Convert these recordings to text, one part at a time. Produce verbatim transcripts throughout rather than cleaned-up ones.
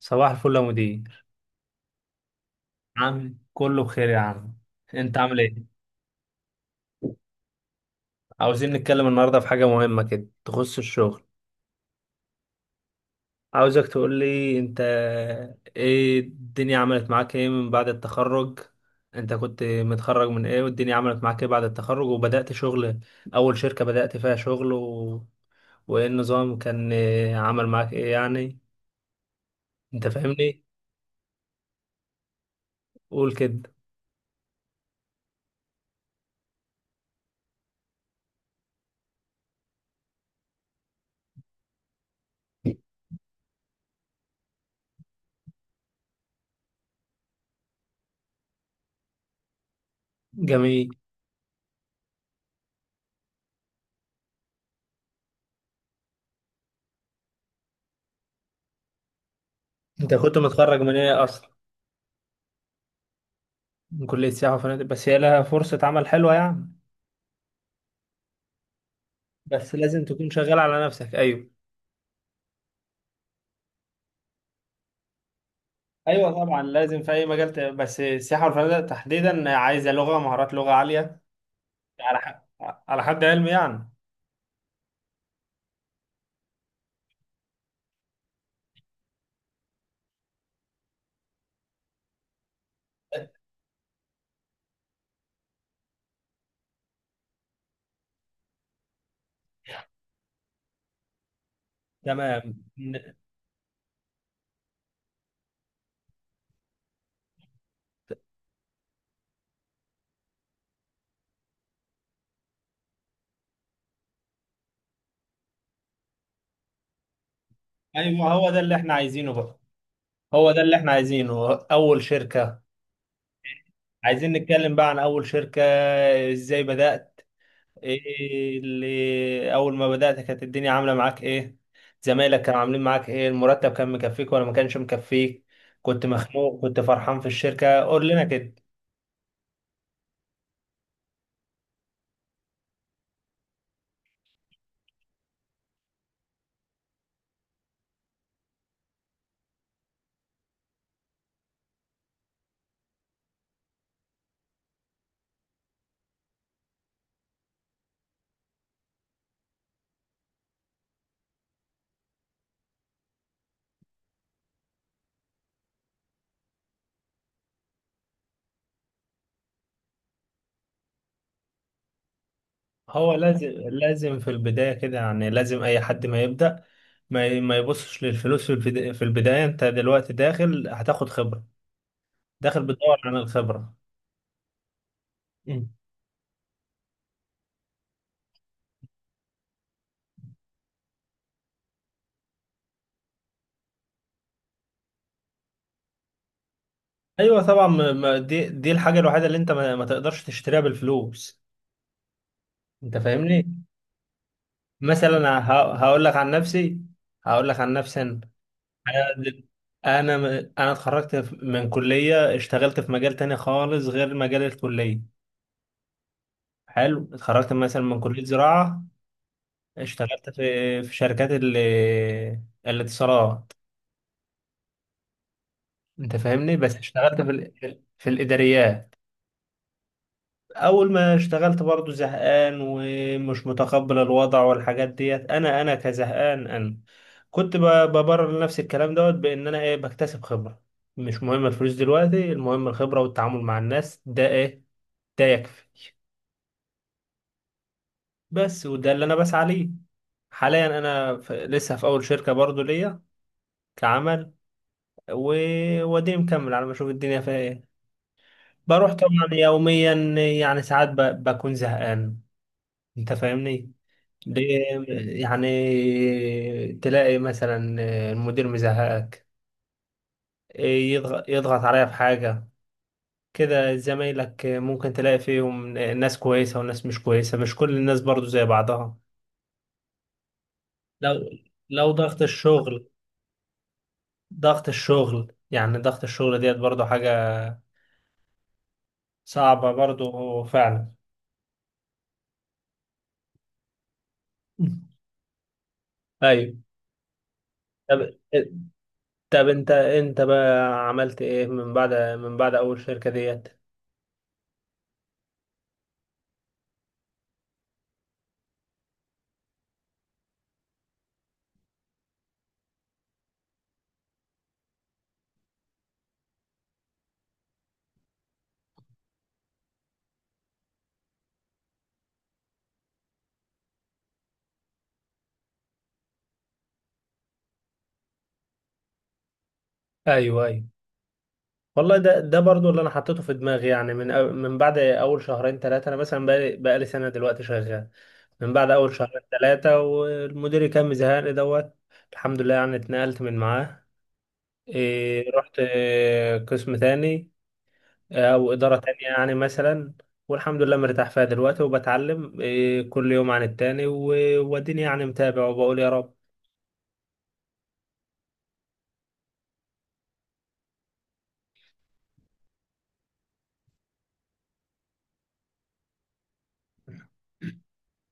صباح الفل يا مدير. عامل كله بخير يا عم. انت عامل ايه؟ عاوزين نتكلم النهارده في حاجه مهمه كده تخص الشغل. عاوزك تقول لي انت، ايه الدنيا عملت معاك ايه من بعد التخرج؟ انت كنت متخرج من ايه، والدنيا عملت معاك ايه بعد التخرج وبدأت شغل؟ اول شركه بدأت فيها شغل و... وايه النظام كان، اه، عمل معاك ايه يعني. انت فاهمني؟ قول كده. جميل. انت كنت متخرج من ايه اصلا؟ من كليه سياحه وفنادق. بس هي لها فرصه عمل حلوه يعني؟ بس لازم تكون شغال على نفسك. ايوه. ايوه طبعا، لازم في اي مجال ت- بس السياحه والفنادق تحديدا عايزه لغه، مهارات لغه عاليه. على ح... على حد علمي يعني. تمام. ن- ايوه، هو ده اللي احنا عايزينه بقى. هو ده اللي احنا عايزينه، اول شركه. عايزين نتكلم بقى عن اول شركه، ازاي بدات. ايه اللي اول ما بدات، كانت الدنيا عامله معاك ايه؟ زمايلك كانوا عاملين معاك ايه؟ المرتب كان مكفيك ولا ما كانش مكفيك؟ كنت مخنوق، كنت فرحان في الشركه، قول لنا كده. هو لازم لازم في البداية كده يعني، لازم أي حد ما يبدأ، ما ي- ما يبصش للفلوس في البدا- في البداية. أنت دلوقتي داخل هتاخد خبرة، داخل بتدور عن الخبرة. مم. أيوة طبعا. ما- ما- دي دي الحاجة الوحيدة اللي أنت ما, ما تقدرش تشتريها بالفلوس. أنت فاهمني؟ مثلا ه- هقول لك عن نفسي. هقول لك عن نفسي أنا. أنا دل- أنا م- أنا اتخرجت ف- من كلية، اشتغلت في مجال تاني خالص غير مجال الكلية. حلو. اتخرجت مثلا من كلية زراعة، اشتغلت في في شركات ال- الاتصالات. انت فاهمني؟ بس اشتغلت في ال- في ال- في الاداريات. اول ما اشتغلت برضو زهقان ومش متقبل الوضع والحاجات ديت. انا انا كزهقان انا، كنت ب- ببرر لنفسي الكلام دوت، بان انا ايه، بكتسب خبرة. مش مهم الفلوس دلوقتي، المهم الخبرة والتعامل مع الناس ده ايه، ده يكفي. بس، وده اللي انا بسعى ليه حاليا. انا في لسه في اول شركة برضو ليا كعمل، ووديني مكمل على ما اشوف الدنيا فيها ايه. بروح طبعا يوميا، يعني ساعات ب... بكون زهقان. انت فاهمني، ليه يعني؟ تلاقي مثلا المدير مزهقك، يضغط يضغط عليا في حاجة كده. زمايلك ممكن تلاقي فيهم ناس كويسة وناس مش كويسة، مش كل الناس برضو زي بعضها. لو لو ضغط الشغل ضغط الشغل يعني، ضغط الشغل ديت برضو حاجة صعبة برضو فعلا. ايوه. طب طب انت انت بقى عملت ايه، من بعد من بعد اول شركة ديت؟ ايوه، ايوه. والله ده ده برضو اللي انا حطيته في دماغي، يعني من أو من بعد اول شهرين ثلاثه، انا مثلا بقالي, بقالي سنه دلوقتي شغال. من بعد اول شهرين ثلاثه، والمدير كان مزهقني دوت. الحمد لله، يعني اتنقلت من معاه. إيه، رحت إيه، قسم تاني؟ إيه، او اداره تانية يعني، مثلا. والحمد لله مرتاح فيها دلوقتي، وبتعلم إيه كل يوم عن التاني، و- واديني يعني متابع وبقول يا رب.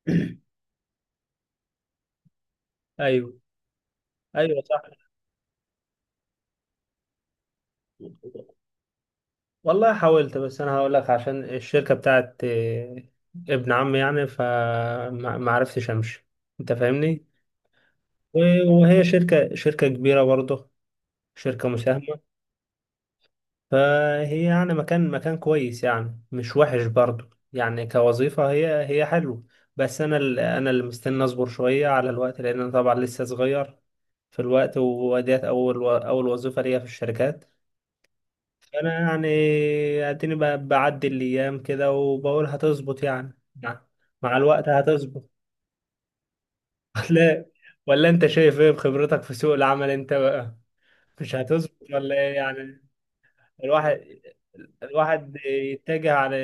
ايوه. ايوه صح. والله حاولت، بس انا هقول لك، عشان الشركه بتاعت آه، ابن عمي يعني، فما ما عرفتش امشي. انت فاهمني. و- وهي شركه شركه كبيره برضه، شركه مساهمه. فهي يعني مكان مكان كويس، يعني مش وحش برضه، يعني كوظيفه هي هي حلوه. بس انا ال- انا اللي مستني اصبر شويه على الوقت، لان انا طبعا لسه صغير في الوقت، وديت اول و- اول وظيفه ليا في الشركات. انا يعني اديني ب- بعدي الايام كده، وبقول هتظبط يعني، مع مع الوقت هتظبط. ولا ولا انت شايف ايه بخبرتك في سوق العمل انت بقى؟ مش هتظبط ولا ايه يعني؟ الواحد الواحد يتجه على،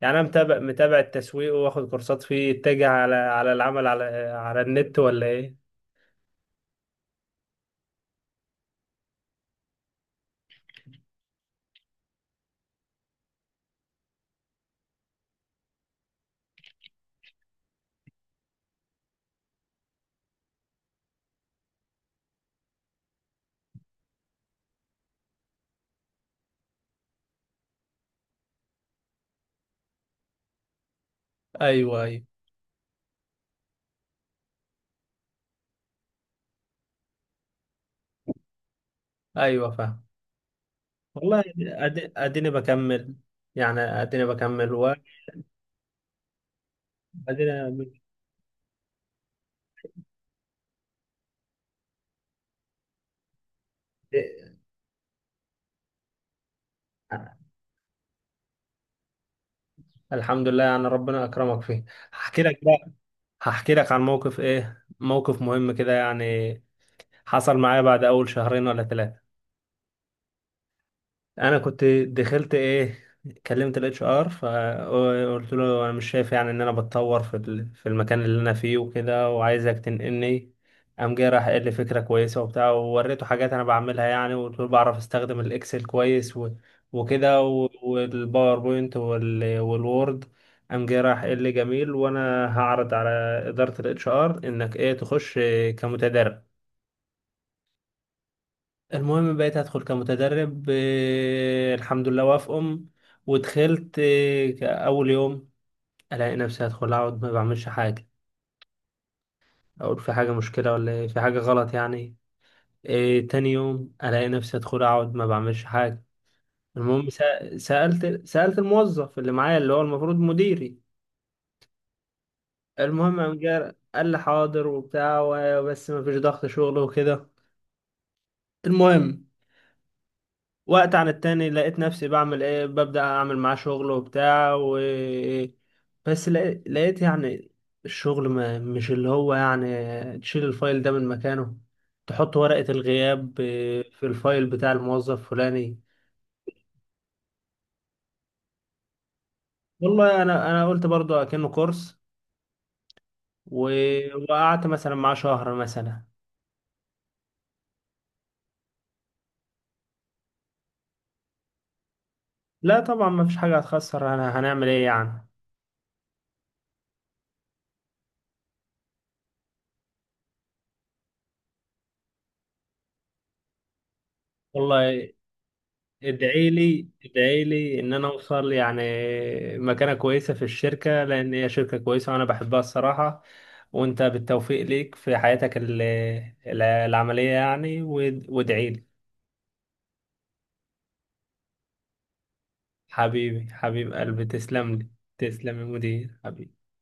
يعني انا متابع متابع التسويق واخد كورسات فيه، يتجه على على العمل على على النت ولا ايه؟ ايوه، ايوه، ايوه، فاهم. والله أد- اديني بكمل، يعني اديني بكمل وادينا. الحمد لله، يعني ربنا اكرمك فيه. هحكي لك بقى هحكي لك عن موقف، ايه موقف مهم كده يعني، حصل معايا بعد اول شهرين ولا ثلاثة. انا كنت دخلت، ايه، كلمت الاتش ار، فقلت له انا مش شايف يعني ان انا بتطور في ال- في المكان اللي انا فيه وكده، وعايزك تنقلني. قام جاي راح قال لي فكره كويسه وبتاع، ووريته حاجات انا بعملها يعني، وقلت له بعرف استخدم الاكسل كويس و- وكده و- والباوربوينت وال- والوورد. قام جاي راح قال لي جميل، وانا هعرض على اداره الاتش ار انك ايه، تخش كمتدرب. المهم بقيت هدخل كمتدرب. آه، الحمد لله وافقهم. ودخلت آه، أول يوم ألاقي نفسي هدخل، أقعد ما بعملش حاجة، أقول في حاجة مشكلة ولا إيه، في حاجة غلط يعني. آه، تاني يوم ألاقي نفسي هدخل أقعد ما بعملش حاجة. المهم سأ- سألت سألت الموظف اللي معايا اللي هو المفروض مديري. المهم قام جا- قال لي حاضر وبتاع، و- بس ما فيش ضغط شغل وكده. المهم وقت عن التاني لقيت نفسي بعمل ايه، ببدأ اعمل معاه شغل وبتاع و، بس لقيت لقيت يعني، الشغل ما مش اللي هو يعني، تشيل الفايل ده من مكانه، تحط ورقة الغياب في الفايل بتاع الموظف فلاني. والله انا انا قلت برضه اكنه كورس و... وقعدت مثلا معاه شهر مثلا. لا طبعا ما فيش حاجة هتخسر، انا هنعمل ايه يعني. والله ادعي لي، ادعي لي ان انا اوصل يعني مكانة كويسة في الشركة، لان هي شركة كويسة وانا بحبها الصراحة. وانت بالتوفيق ليك في حياتك ال- ال- العملية يعني، وادعي لي. حبيبي، حبيب قلبي، تسلم لي. تسلم يا مدير حبيبي.